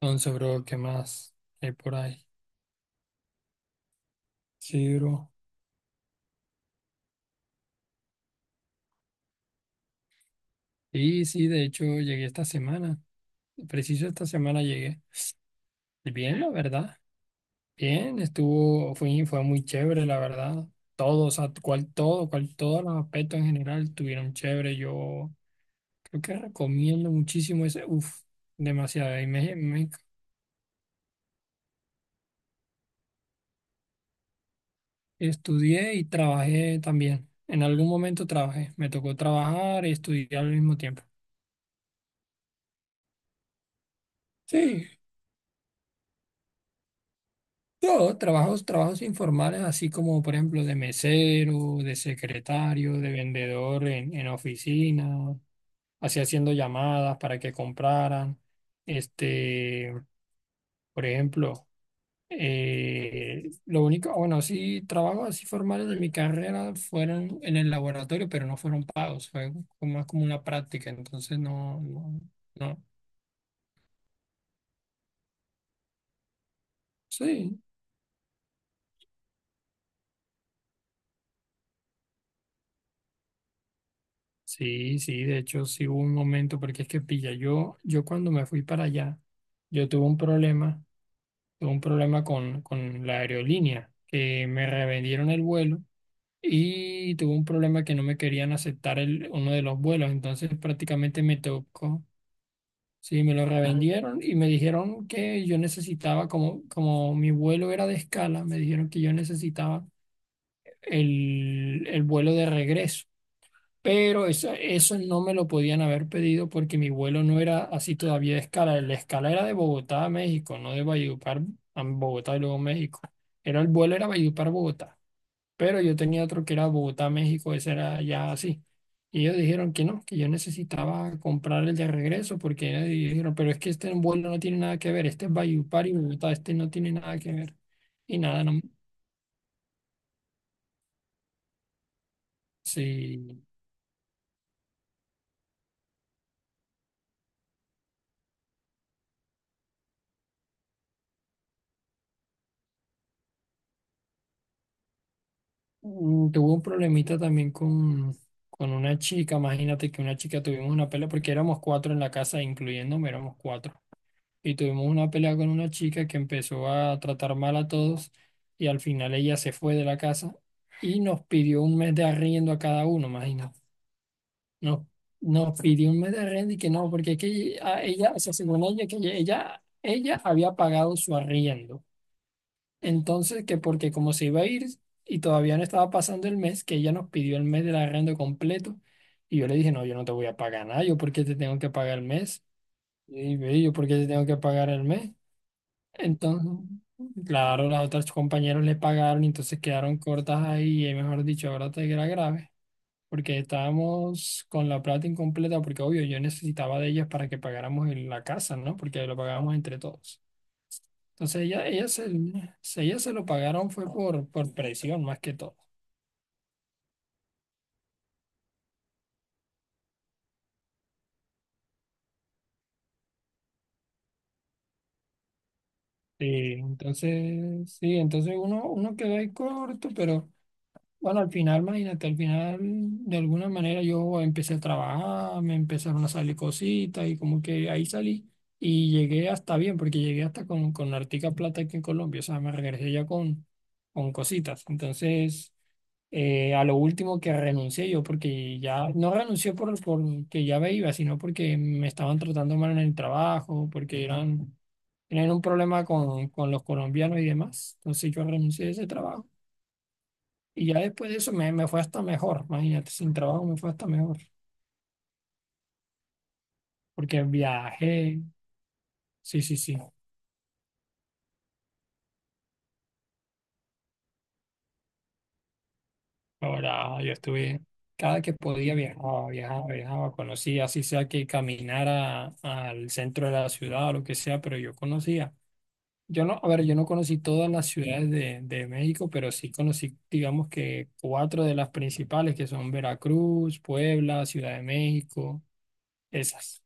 Entonces, bro, ¿qué más hay por ahí? Sí, bro. Sí, sí, de hecho llegué esta semana. Preciso esta semana llegué. Y bien, la verdad. Bien, estuvo, fue muy chévere, la verdad. O sea, todos los aspectos en general estuvieron chévere. Yo creo que recomiendo muchísimo ese, uff, demasiado. Y me Estudié y trabajé también. En algún momento trabajé. Me tocó trabajar y estudiar al mismo tiempo. Sí. Trabajos informales, así como por ejemplo de mesero, de secretario, de vendedor en oficina, así haciendo llamadas para que compraran. Este, por ejemplo, lo único, bueno, sí, trabajos así formales de mi carrera fueron en el laboratorio, pero no fueron pagos, fue más como una práctica, entonces no, no, no, sí. Sí, sí, de hecho sí hubo un momento, porque es que pilla, yo cuando me fui para allá, yo tuve un problema con la aerolínea, que me revendieron el vuelo y tuve un problema que no me querían aceptar uno de los vuelos, entonces prácticamente me tocó, sí, me lo revendieron y me dijeron que yo necesitaba, como mi vuelo era de escala, me dijeron que yo necesitaba el vuelo de regreso. Pero eso no me lo podían haber pedido porque mi vuelo no era así todavía de escala. La escala era de Bogotá a México, no de Valledupar a Bogotá y luego México. Era El vuelo era Valledupar-Bogotá. Pero yo tenía otro que era Bogotá-México, ese era ya así. Y ellos dijeron que no, que yo necesitaba comprar el de regreso porque ellos dijeron, pero es que este vuelo no tiene nada que ver, este es Valledupar y Bogotá, este no tiene nada que ver. Y nada, no, sí. Tuvo un problemita también con una chica, imagínate que una chica tuvimos una pelea, porque éramos cuatro en la casa, incluyéndome, éramos cuatro. Y tuvimos una pelea con una chica que empezó a tratar mal a todos y al final ella se fue de la casa y nos pidió un mes de arriendo a cada uno, imagínate. Nos, nos pidió un mes de arriendo y que no, porque es que o sea, según ella, que ella había pagado su arriendo entonces, que porque como se iba a ir y todavía no estaba pasando el mes, que ella nos pidió el mes del arrendo completo. Y yo le dije, no, yo no te voy a pagar nada, yo por qué te tengo que pagar el mes. Y ve, yo por qué te tengo que pagar el mes. Entonces, claro, las otras compañeros le pagaron y entonces quedaron cortas ahí. Y mejor dicho, ahora te era grave. Porque estábamos con la plata incompleta, porque obvio, yo necesitaba de ellas para que pagáramos en la casa, ¿no? Porque lo pagábamos entre todos. Entonces ella se lo pagaron fue por presión más que todo. Sí, entonces uno quedó ahí corto, pero bueno, al final, imagínate, al final de alguna manera yo empecé a trabajar, me empezaron a salir cositas y como que ahí salí y llegué hasta bien, porque llegué hasta con hartica plata aquí en Colombia, o sea, me regresé ya con cositas. Entonces, a lo último que renuncié yo, porque ya no renuncié por que ya me iba, sino porque me estaban tratando mal en el trabajo, porque tenían un problema con los colombianos y demás. Entonces yo renuncié a ese trabajo. Y ya después de eso me fue hasta mejor, imagínate, sin trabajo me fue hasta mejor, porque viajé, sí, sí, sí. Ahora yo estuve, cada que podía viajaba, viajaba, viajaba, conocía, así sea que caminara al centro de la ciudad o lo que sea, pero yo conocía. Yo no, A ver, yo no conocí todas las ciudades de México, pero sí conocí, digamos que cuatro de las principales, que son Veracruz, Puebla, Ciudad de México, esas.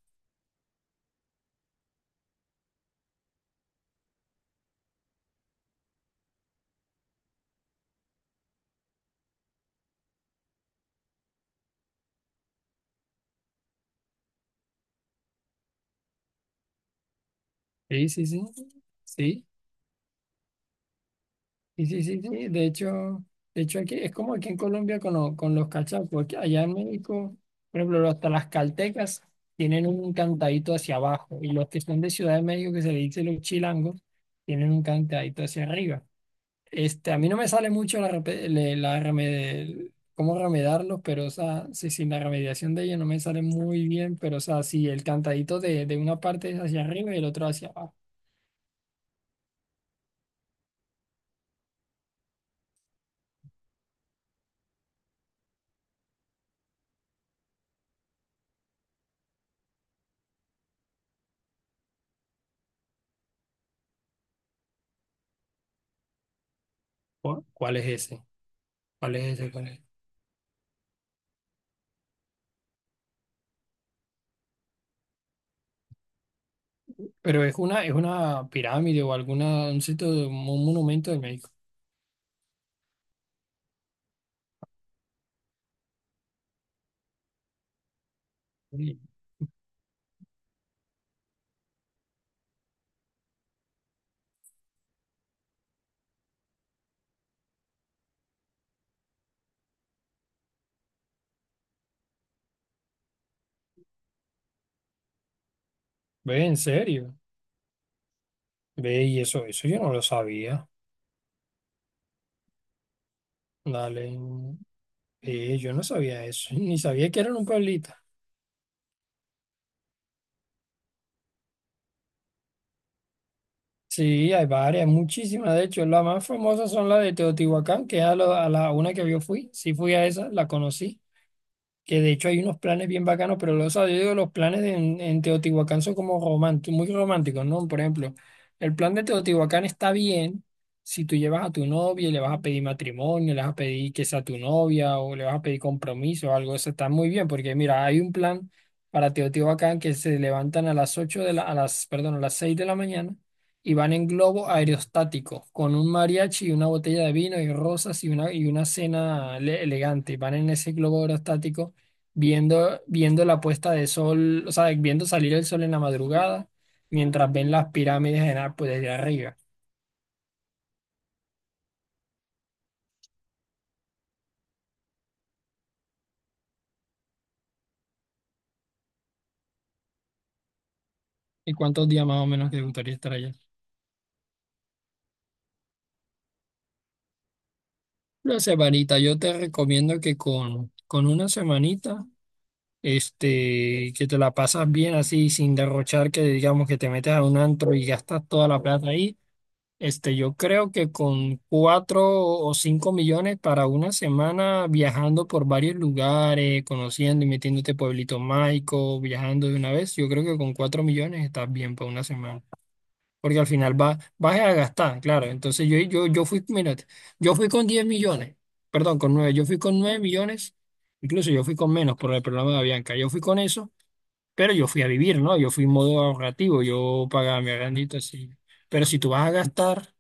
Sí, sí, sí, sí, sí, sí, sí, sí. De hecho, aquí es como aquí en Colombia con los cachacos, allá en México, por ejemplo, hasta las caltecas tienen un cantadito hacia abajo y los que son de Ciudad de México, que se le dice los chilangos, tienen un cantadito hacia arriba. Este, a mí no me sale mucho la, repe- le- la remede- cómo remedarlos, pero o sea, sí, sí, la remediación de ella no me sale muy bien, pero o sea, sí, el cantadito de una parte es hacia arriba y el otro hacia abajo. ¿Cuál es ese? ¿Cuál es ese? ¿Cuál es? Pero es una pirámide o un sitio, un monumento de México. Uy, ve, en serio. Ve, y eso yo no lo sabía. Dale. Ve, yo no sabía eso, ni sabía que era en un pueblito. Sí, hay varias, muchísimas. De hecho, las más famosas son las de Teotihuacán, que es a la una que yo fui. Sí fui a esa, la conocí, que de hecho hay unos planes bien bacanos, pero los, o yo digo, los planes en Teotihuacán son como románticos, muy románticos, ¿no? Por ejemplo, el plan de Teotihuacán está bien si tú llevas a tu novia y le vas a pedir matrimonio, le vas a pedir que sea tu novia o le vas a pedir compromiso o algo, eso está muy bien, porque mira, hay un plan para Teotihuacán que se levantan a las 8 de la, a las, perdón, a las 6 de la mañana y van en globo aerostático con un mariachi y una botella de vino y rosas y una cena elegante. Van en ese globo aerostático viendo la puesta de sol, o sea, viendo salir el sol en la madrugada, mientras ven las pirámides en Apple desde arriba. ¿Y cuántos días más o menos te gustaría estar allá? Una semanita, yo te recomiendo que con una semanita, este, que te la pasas bien así, sin derrochar, que digamos que te metes a un antro y gastas toda la plata ahí. Este, yo creo que con 4 o 5 millones para una semana viajando por varios lugares, conociendo y metiéndote pueblito mágico, viajando de una vez, yo creo que con 4 millones estás bien para una semana. Porque al final vas a gastar, claro. Entonces yo fui, mírate, yo fui con 10 millones, perdón, con nueve, yo fui con 9 millones, incluso yo fui con menos por el programa de Bianca, yo fui con eso, pero yo fui a vivir, ¿no? Yo fui en modo ahorrativo, yo pagaba mi agrandito así. Pero si tú vas a gastar,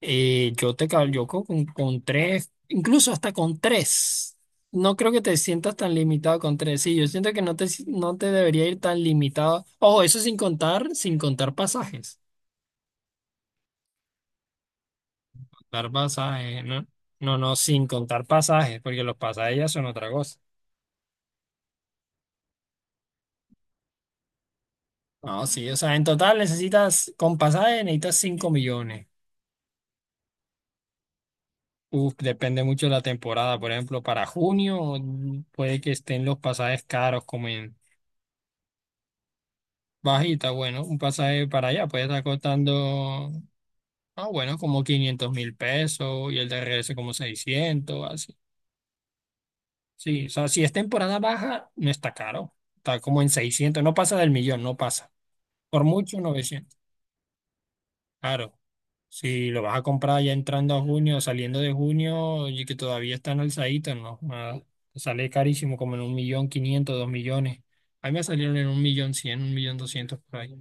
yo te calculo con tres, incluso hasta con tres. No creo que te sientas tan limitado con tres. Sí, yo siento que no te debería ir tan limitado. Ojo, eso sin contar pasajes. Contar pasajes, ¿no? No, no, sin contar pasajes, porque los pasajes ya son otra cosa. No, sí, o sea, en total necesitas, con pasajes necesitas 5 millones. Uf, depende mucho de la temporada. Por ejemplo, para junio puede que estén los pasajes caros como en. Bajita, bueno, un pasaje para allá puede estar costando, ah, bueno, como 500.000 pesos y el de regreso como 600 así. Sí, o sea, si es temporada baja, no está caro. Está como en 600, no pasa del millón, no pasa. Por mucho 900. Claro, si lo vas a comprar ya entrando a junio, saliendo de junio y que todavía están alzaditos, no, nada. Te sale carísimo, como en 1.500.000, 2 millones. A mí me salieron en 1.100.000, 1.200.000 por ahí.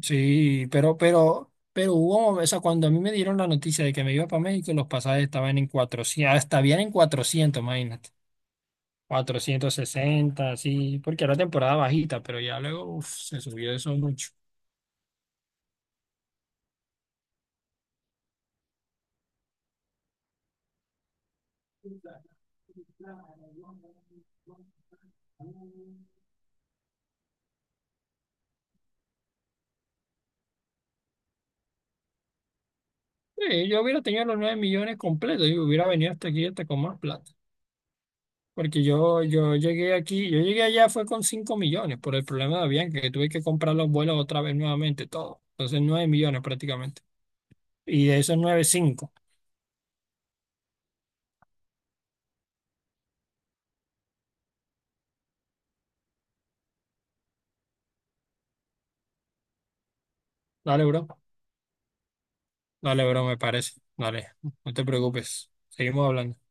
Sí, pero hubo, o sea, cuando a mí me dieron la noticia de que me iba para México, los pasajes estaban en 400, hasta habían en 400, imagínate, 460, así, porque era temporada bajita, pero ya luego uf, se subió eso mucho. Sí, yo hubiera tenido los 9 millones completos y hubiera venido hasta aquí hasta con más plata, porque yo llegué aquí, yo llegué allá fue con 5 millones por el problema de Avianca, que tuve que comprar los vuelos otra vez nuevamente, todo. Entonces 9 millones prácticamente. Y de esos 9 cinco. Dale, bro. Dale, bro, me parece. Dale, no te preocupes. Seguimos hablando.